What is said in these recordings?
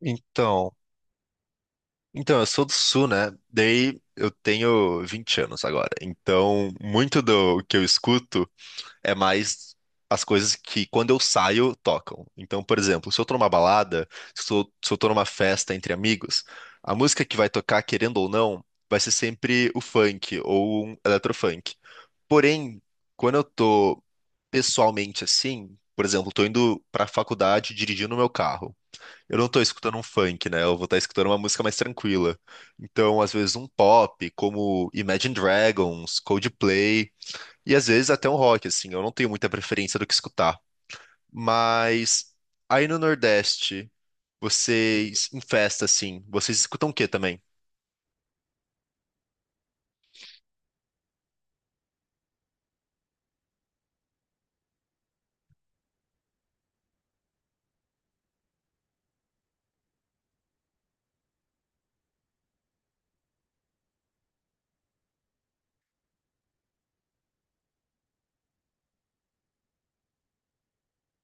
Então, eu sou do Sul, né? Daí eu tenho 20 anos agora. Então, muito do que eu escuto é mais as coisas que quando eu saio tocam. Então, por exemplo, se eu tô numa balada, se eu tô numa festa entre amigos, a música que vai tocar, querendo ou não, vai ser sempre o funk ou um eletrofunk. Porém, quando eu tô pessoalmente assim, por exemplo, tô indo pra faculdade dirigindo meu carro. Eu não tô escutando um funk, né? Eu vou estar escutando uma música mais tranquila. Então, às vezes um pop, como Imagine Dragons, Coldplay, e às vezes até um rock, assim. Eu não tenho muita preferência do que escutar. Mas aí no Nordeste, vocês em festa, assim, vocês escutam o quê também?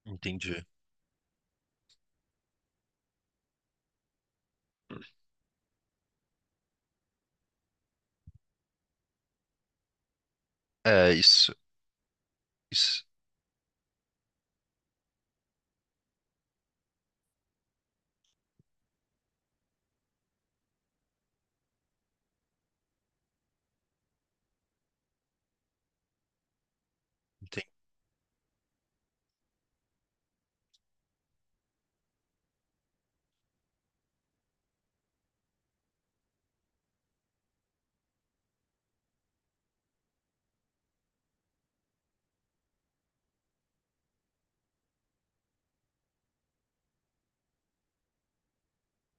Entendi. É, isso, isso, enten-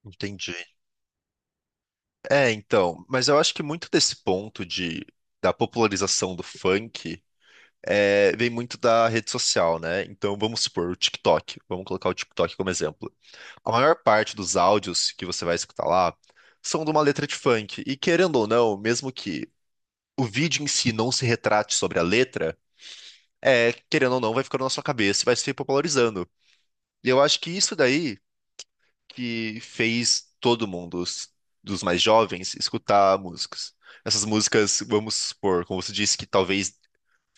entendi. É, então, mas eu acho que muito desse ponto de da popularização do funk vem muito da rede social, né? Então vamos supor o TikTok. Vamos colocar o TikTok como exemplo. A maior parte dos áudios que você vai escutar lá são de uma letra de funk. E querendo ou não, mesmo que o vídeo em si não se retrate sobre a letra, querendo ou não, vai ficando na sua cabeça e vai se popularizando. E eu acho que isso daí que fez todo mundo, dos mais jovens, escutar músicas. Essas músicas, vamos supor, como você disse, que talvez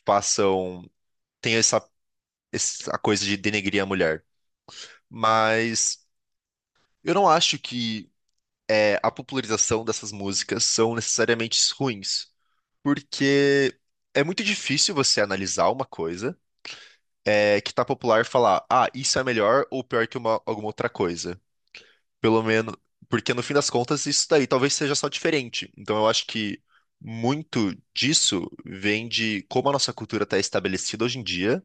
façam, tenha essa coisa de denegrir a mulher. Mas eu não acho que a popularização dessas músicas são necessariamente ruins, porque é muito difícil você analisar uma coisa que tá popular e falar, ah, isso é melhor ou pior que uma- alguma outra coisa. Pelo menos, porque no fim das contas isso daí talvez seja só diferente. Então eu acho que muito disso vem de como a nossa cultura está estabelecida hoje em dia,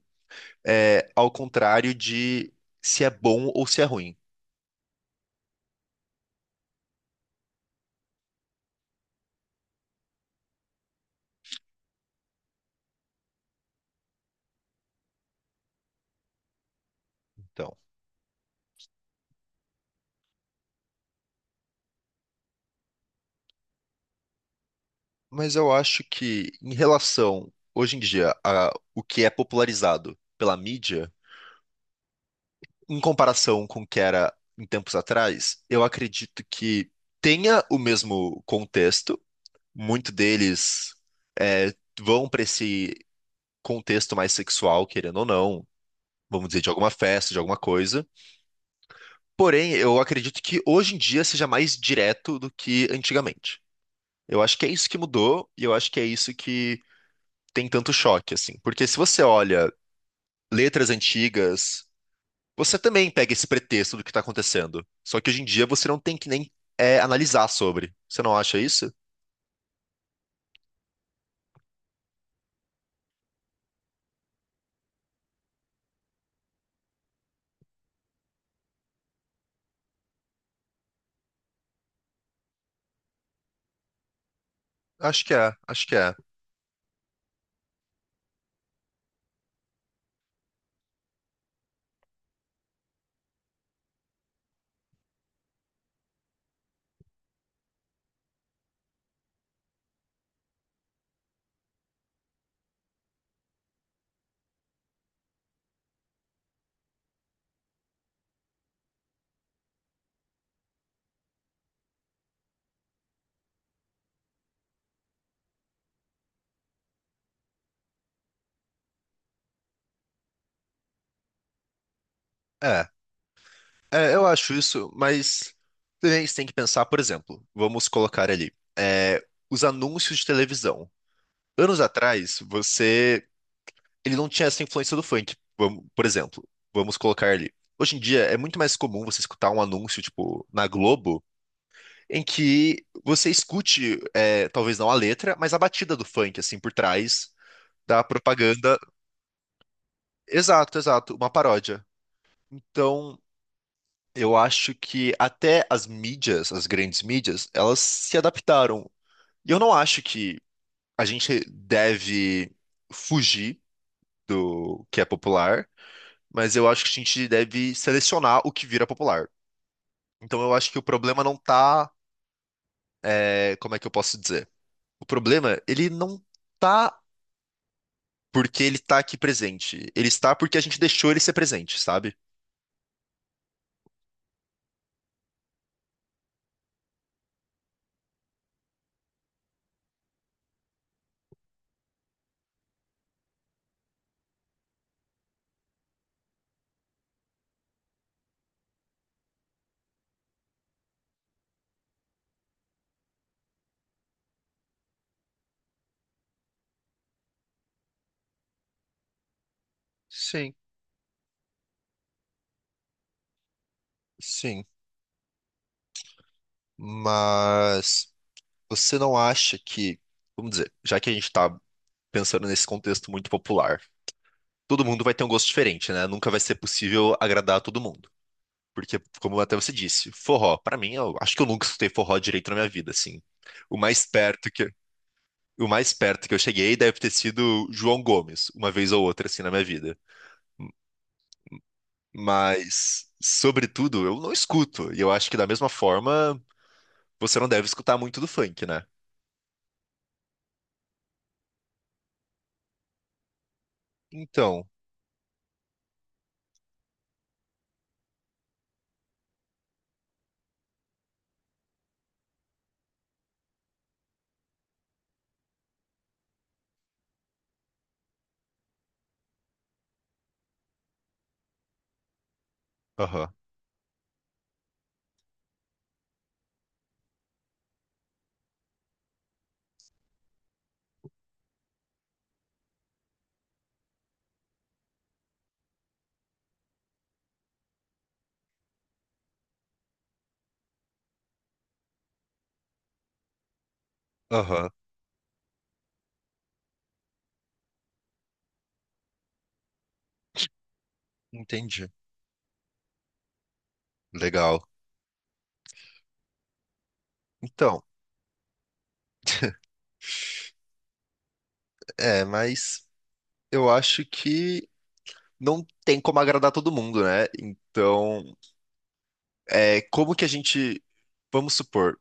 ao contrário de se é bom ou se é ruim. Então, mas eu acho que, em relação, hoje em dia, a o que é popularizado pela mídia, em comparação com o que era em tempos atrás, eu acredito que tenha o mesmo contexto. Muito deles vão para esse contexto mais sexual, querendo ou não, vamos dizer, de alguma festa, de alguma coisa. Porém, eu acredito que hoje em dia seja mais direto do que antigamente. Eu acho que é isso que mudou e eu acho que é isso que tem tanto choque, assim. Porque se você olha letras antigas, você também pega esse pretexto do que está acontecendo. Só que hoje em dia você não tem que nem analisar sobre. Você não acha isso? Acho que é, acho que é. É, eu acho isso, mas também você tem que pensar, por exemplo, vamos colocar ali, os anúncios de televisão. Anos atrás, você, ele não tinha essa influência do funk, vamos- por exemplo, vamos colocar ali. Hoje em dia é muito mais comum você escutar um anúncio, tipo, na Globo em que você escute, talvez não a letra, mas a batida do funk, assim, por trás da propaganda. Exato, exato, uma paródia. Então, eu acho que até as mídias, as grandes mídias, elas se adaptaram. E eu não acho que a gente deve fugir do que é popular, mas eu acho que a gente deve selecionar o que vira popular. Então, eu acho que o problema não tá, como é que eu posso dizer? O problema, ele não tá porque ele tá aqui presente. Ele está porque a gente deixou ele ser presente, sabe? Sim, sim. Mas você não acha que, vamos dizer, já que a gente tá pensando nesse contexto muito popular, todo mundo vai ter um gosto diferente, né? Nunca vai ser possível agradar a todo mundo. Porque, como até você disse, forró, pra mim, eu acho que eu nunca escutei forró direito na minha vida, assim. O mais perto que, o mais perto que eu cheguei deve ter sido João Gomes, uma vez ou outra, assim, na minha vida. Mas, sobretudo, eu não escuto. E eu acho que da mesma forma, você não deve escutar muito do funk, né? Então, aham, aham, entendi. Legal. Então, é, mas eu acho que não tem como agradar todo mundo, né? Então, como que a gente, vamos supor,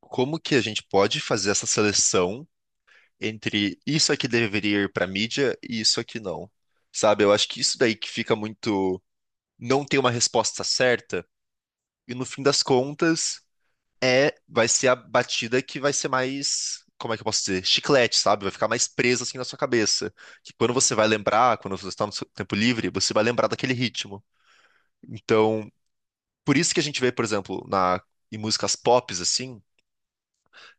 como que a gente pode fazer essa seleção entre isso aqui deveria ir pra mídia e isso aqui não? Sabe? Eu acho que isso daí que fica muito, não tem uma resposta certa. E no fim das contas, vai ser a batida que vai ser mais, como é que eu posso dizer? Chiclete, sabe? Vai ficar mais presa assim na sua cabeça. Que quando você vai lembrar, quando você está no seu tempo livre, você vai lembrar daquele ritmo. Então, por isso que a gente vê, por exemplo, em músicas pops assim,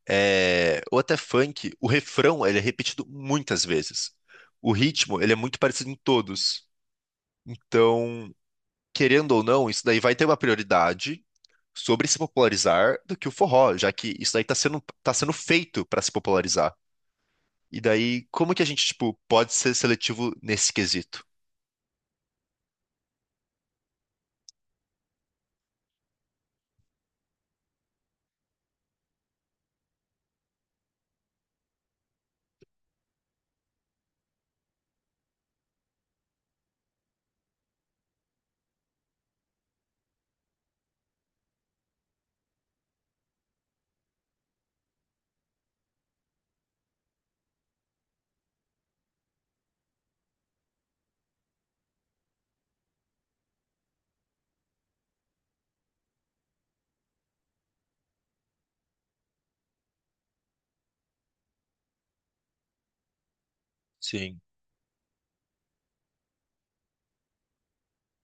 ou até funk, o refrão, ele é repetido muitas vezes. O ritmo, ele é muito parecido em todos. Então, querendo ou não, isso daí vai ter uma prioridade sobre se popularizar do que o forró, já que isso daí tá sendo feito para se popularizar. E daí, como que a gente, tipo, pode ser seletivo nesse quesito? Sim,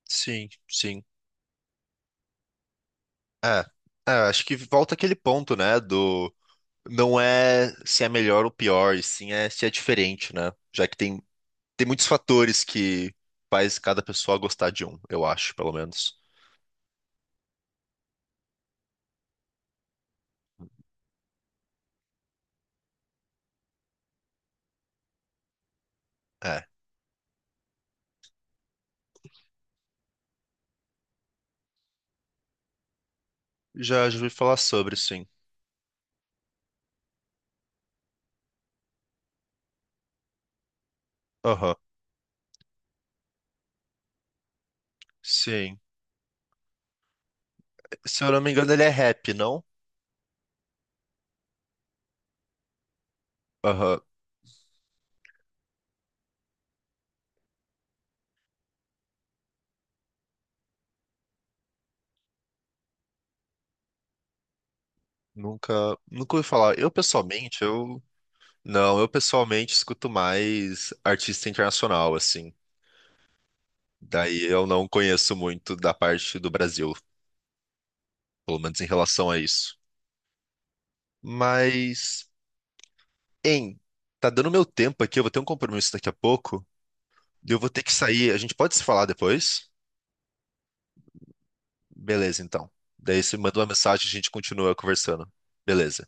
sim, sim. É, é, acho que volta aquele ponto, né, do não é se é melhor ou pior, e sim é se é diferente, né? Já que tem, tem muitos fatores que faz cada pessoa gostar de um, eu acho, pelo menos. É, já, já ouvi falar sobre, sim. Aham. Sim. Se eu não me engano, ele é rap, não? Aham. Nunca, nunca ouvi falar. Eu pessoalmente, eu. Não, eu pessoalmente escuto mais artista internacional, assim. Daí eu não conheço muito da parte do Brasil, pelo menos em relação a isso. Mas, hein, tá dando meu tempo aqui, eu vou ter um compromisso daqui a pouco. Eu vou ter que sair. A gente pode se falar depois? Beleza, então. Daí você manda uma mensagem e a gente continua conversando. Beleza.